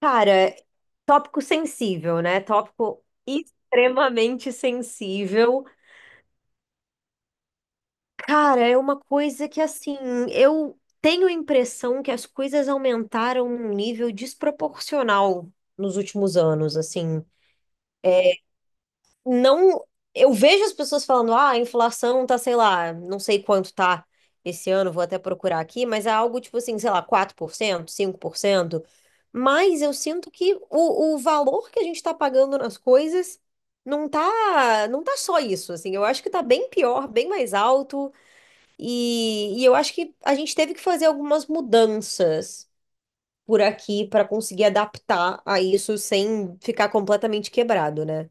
Cara, tópico sensível, né? Tópico extremamente sensível. Cara, é uma coisa que, assim, eu tenho a impressão que as coisas aumentaram num nível desproporcional nos últimos anos, assim. Não. Eu vejo as pessoas falando, ah, a inflação tá, sei lá, não sei quanto tá esse ano, vou até procurar aqui, mas é algo tipo assim, sei lá, 4% 5%. Mas eu sinto que o valor que a gente tá pagando nas coisas não tá, não tá só isso, assim. Eu acho que tá bem pior, bem mais alto, e eu acho que a gente teve que fazer algumas mudanças por aqui para conseguir adaptar a isso sem ficar completamente quebrado, né?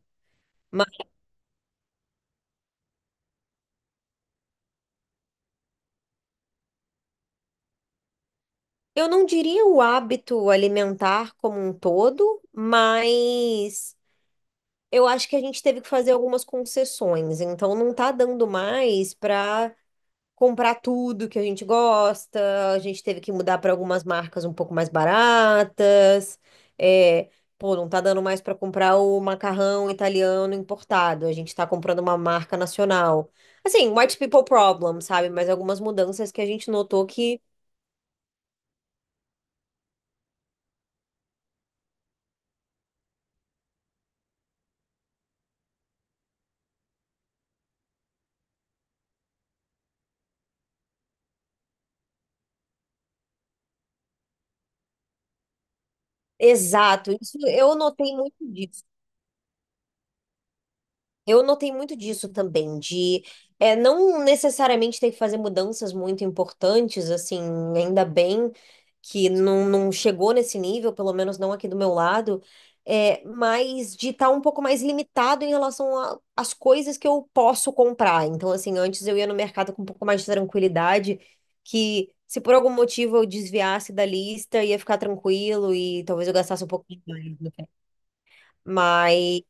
Eu não diria o hábito alimentar como um todo, mas eu acho que a gente teve que fazer algumas concessões. Então, não tá dando mais para comprar tudo que a gente gosta. A gente teve que mudar para algumas marcas um pouco mais baratas. É, pô, não tá dando mais para comprar o macarrão italiano importado. A gente tá comprando uma marca nacional. Assim, white people problem, sabe? Mas algumas mudanças que a gente notou que. Exato, isso eu notei muito disso. Eu notei muito disso também, de não necessariamente ter que fazer mudanças muito importantes, assim, ainda bem que não chegou nesse nível, pelo menos não aqui do meu lado, mas de estar um pouco mais limitado em relação às coisas que eu posso comprar. Então, assim, antes eu ia no mercado com um pouco mais de tranquilidade, que se por algum motivo eu desviasse da lista, ia ficar tranquilo e talvez eu gastasse um pouco mais no final. Mas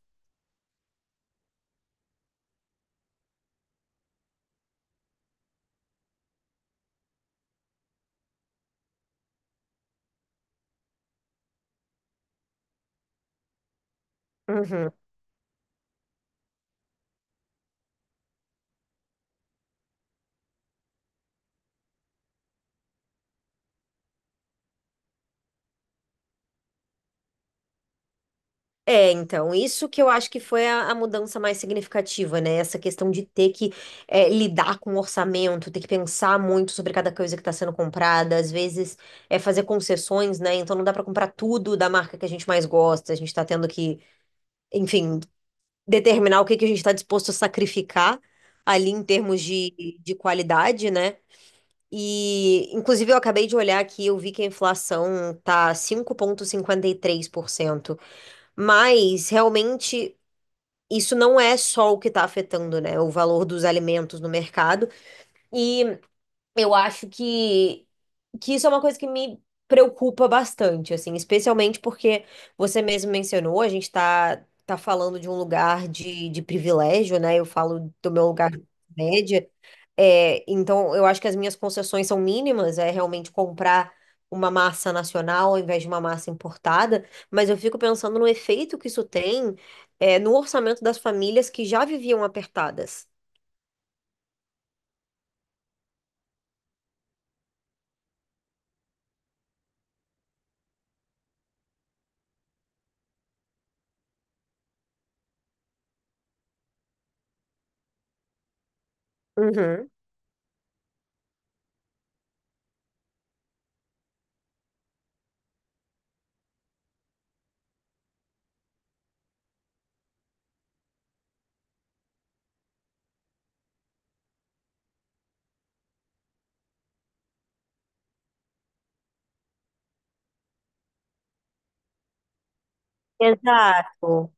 uhum. É, então, isso que eu acho que foi a mudança mais significativa, né? Essa questão de ter que lidar com o orçamento, ter que pensar muito sobre cada coisa que está sendo comprada, às vezes é fazer concessões, né? Então não dá para comprar tudo da marca que a gente mais gosta, a gente está tendo que, enfim, determinar o que que a gente está disposto a sacrificar ali em termos de qualidade, né? E, inclusive, eu acabei de olhar aqui, eu vi que a inflação tá 5,53%. Mas realmente isso não é só o que está afetando, né, o valor dos alimentos no mercado. E eu acho que isso é uma coisa que me preocupa bastante, assim, especialmente porque você mesmo mencionou, a gente tá falando de um lugar de privilégio, né? Eu falo do meu lugar de média. É, então, eu acho que as minhas concessões são mínimas, é realmente comprar uma massa nacional ao invés de uma massa importada, mas eu fico pensando no efeito que isso tem, no orçamento das famílias que já viviam apertadas. Uhum. Exato.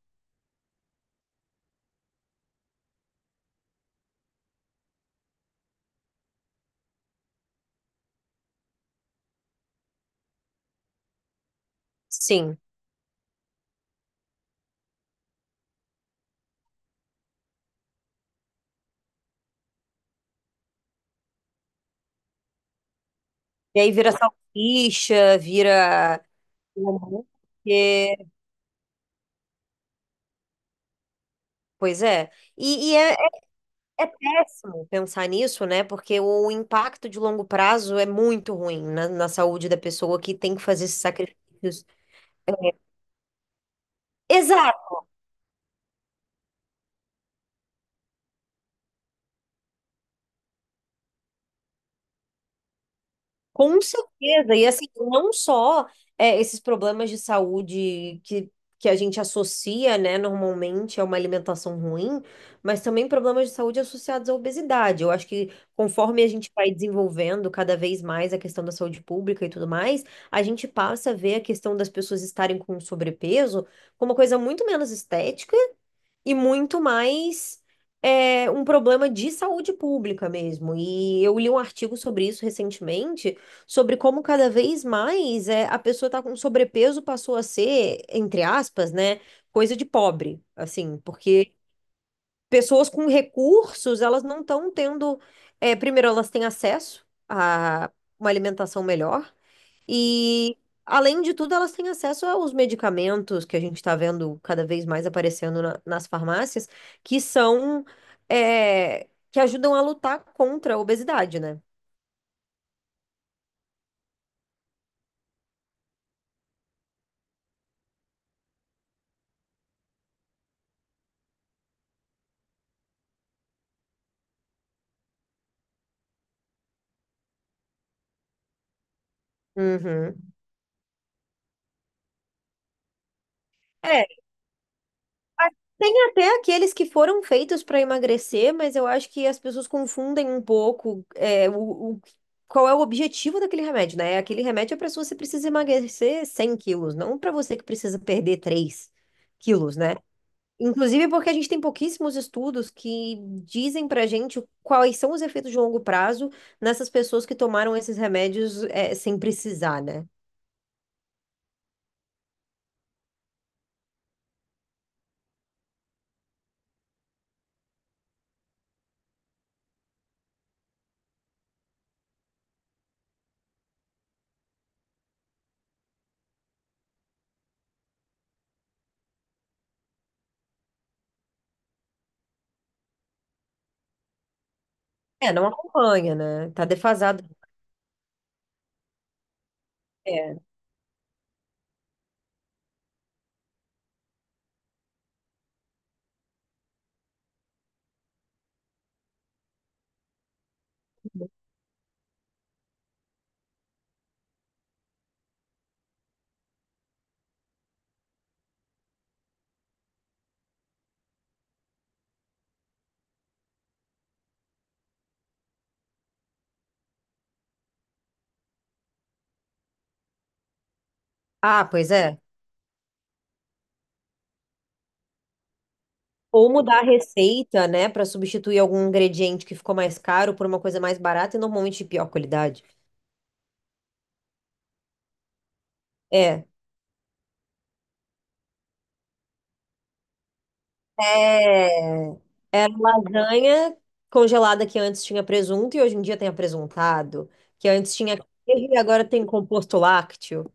Sim. E aí vira salsicha, vira. Hambúrguer. Pois é. E, e é, é- É péssimo pensar nisso, né? Porque o impacto de longo prazo é muito ruim na saúde da pessoa que tem que fazer esses sacrifícios. Exato. Com certeza. E assim, não só esses problemas de saúde que a gente associa, né, normalmente a uma alimentação ruim, mas também problemas de saúde associados à obesidade. Eu acho que conforme a gente vai desenvolvendo cada vez mais a questão da saúde pública e tudo mais, a gente passa a ver a questão das pessoas estarem com sobrepeso como uma coisa muito menos estética e muito mais um problema de saúde pública mesmo. E eu li um artigo sobre isso recentemente, sobre como cada vez mais a pessoa está com sobrepeso passou a ser, entre aspas, né, coisa de pobre, assim, porque pessoas com recursos, elas não estão tendo, é, primeiro, elas têm acesso a uma alimentação melhor. E, além de tudo, elas têm acesso aos medicamentos que a gente está vendo cada vez mais aparecendo nas farmácias, que são, que ajudam a lutar contra a obesidade, né? Uhum. É, tem até aqueles que foram feitos para emagrecer, mas eu acho que as pessoas confundem um pouco qual é o objetivo daquele remédio, né? Aquele remédio é para se você precisa emagrecer 100 quilos, não para você que precisa perder 3 quilos, né? Inclusive porque a gente tem pouquíssimos estudos que dizem pra gente quais são os efeitos de longo prazo nessas pessoas que tomaram esses remédios sem precisar, né? É, não acompanha, né? Tá defasado. É. Ah, pois é. Ou mudar a receita, né, pra substituir algum ingrediente que ficou mais caro por uma coisa mais barata e normalmente de pior qualidade. É. É, era lasanha congelada que antes tinha presunto e hoje em dia tem apresuntado, que antes tinha queijo e agora tem composto lácteo.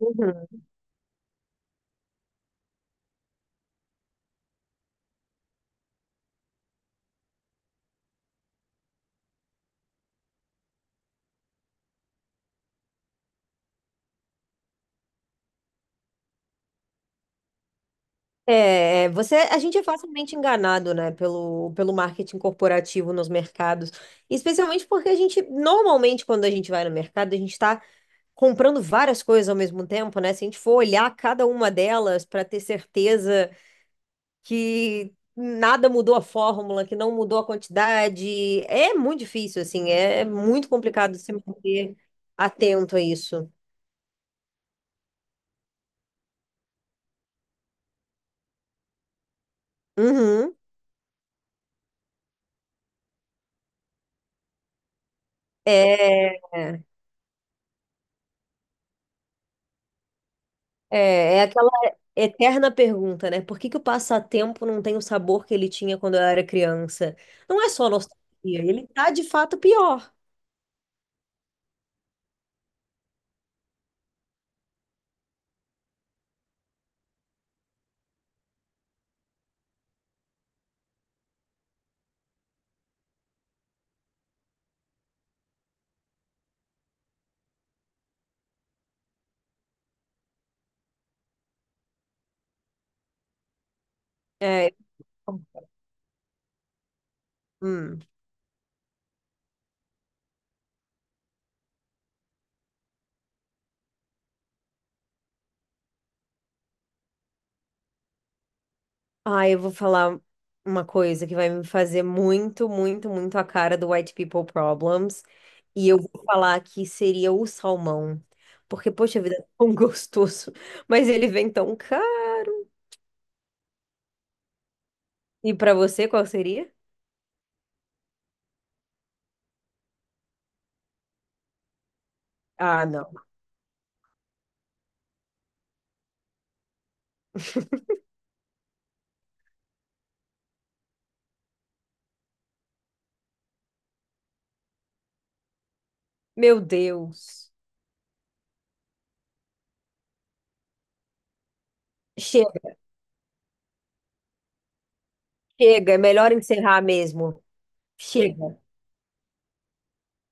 Uhum. É, a gente é facilmente enganado, né, pelo marketing corporativo nos mercados, especialmente porque a gente, normalmente, quando a gente vai no mercado, a gente está comprando várias coisas ao mesmo tempo, né? Se a gente for olhar cada uma delas para ter certeza que nada mudou a fórmula, que não mudou a quantidade, é muito difícil, assim, é muito complicado se manter atento a isso. Uhum. É, é aquela eterna pergunta, né? Por que que o passatempo não tem o sabor que ele tinha quando eu era criança? Não é só nostalgia, ele tá de fato pior. É, é, hum. Ah, eu vou falar uma coisa que vai me fazer muito, muito, muito a cara do White People Problems. E eu vou falar que seria o salmão. Porque, poxa vida, é tão gostoso. Mas ele vem tão caro. E pra você, qual seria? Ah, não. Meu Deus. Chega, chega. É melhor encerrar mesmo. Chega.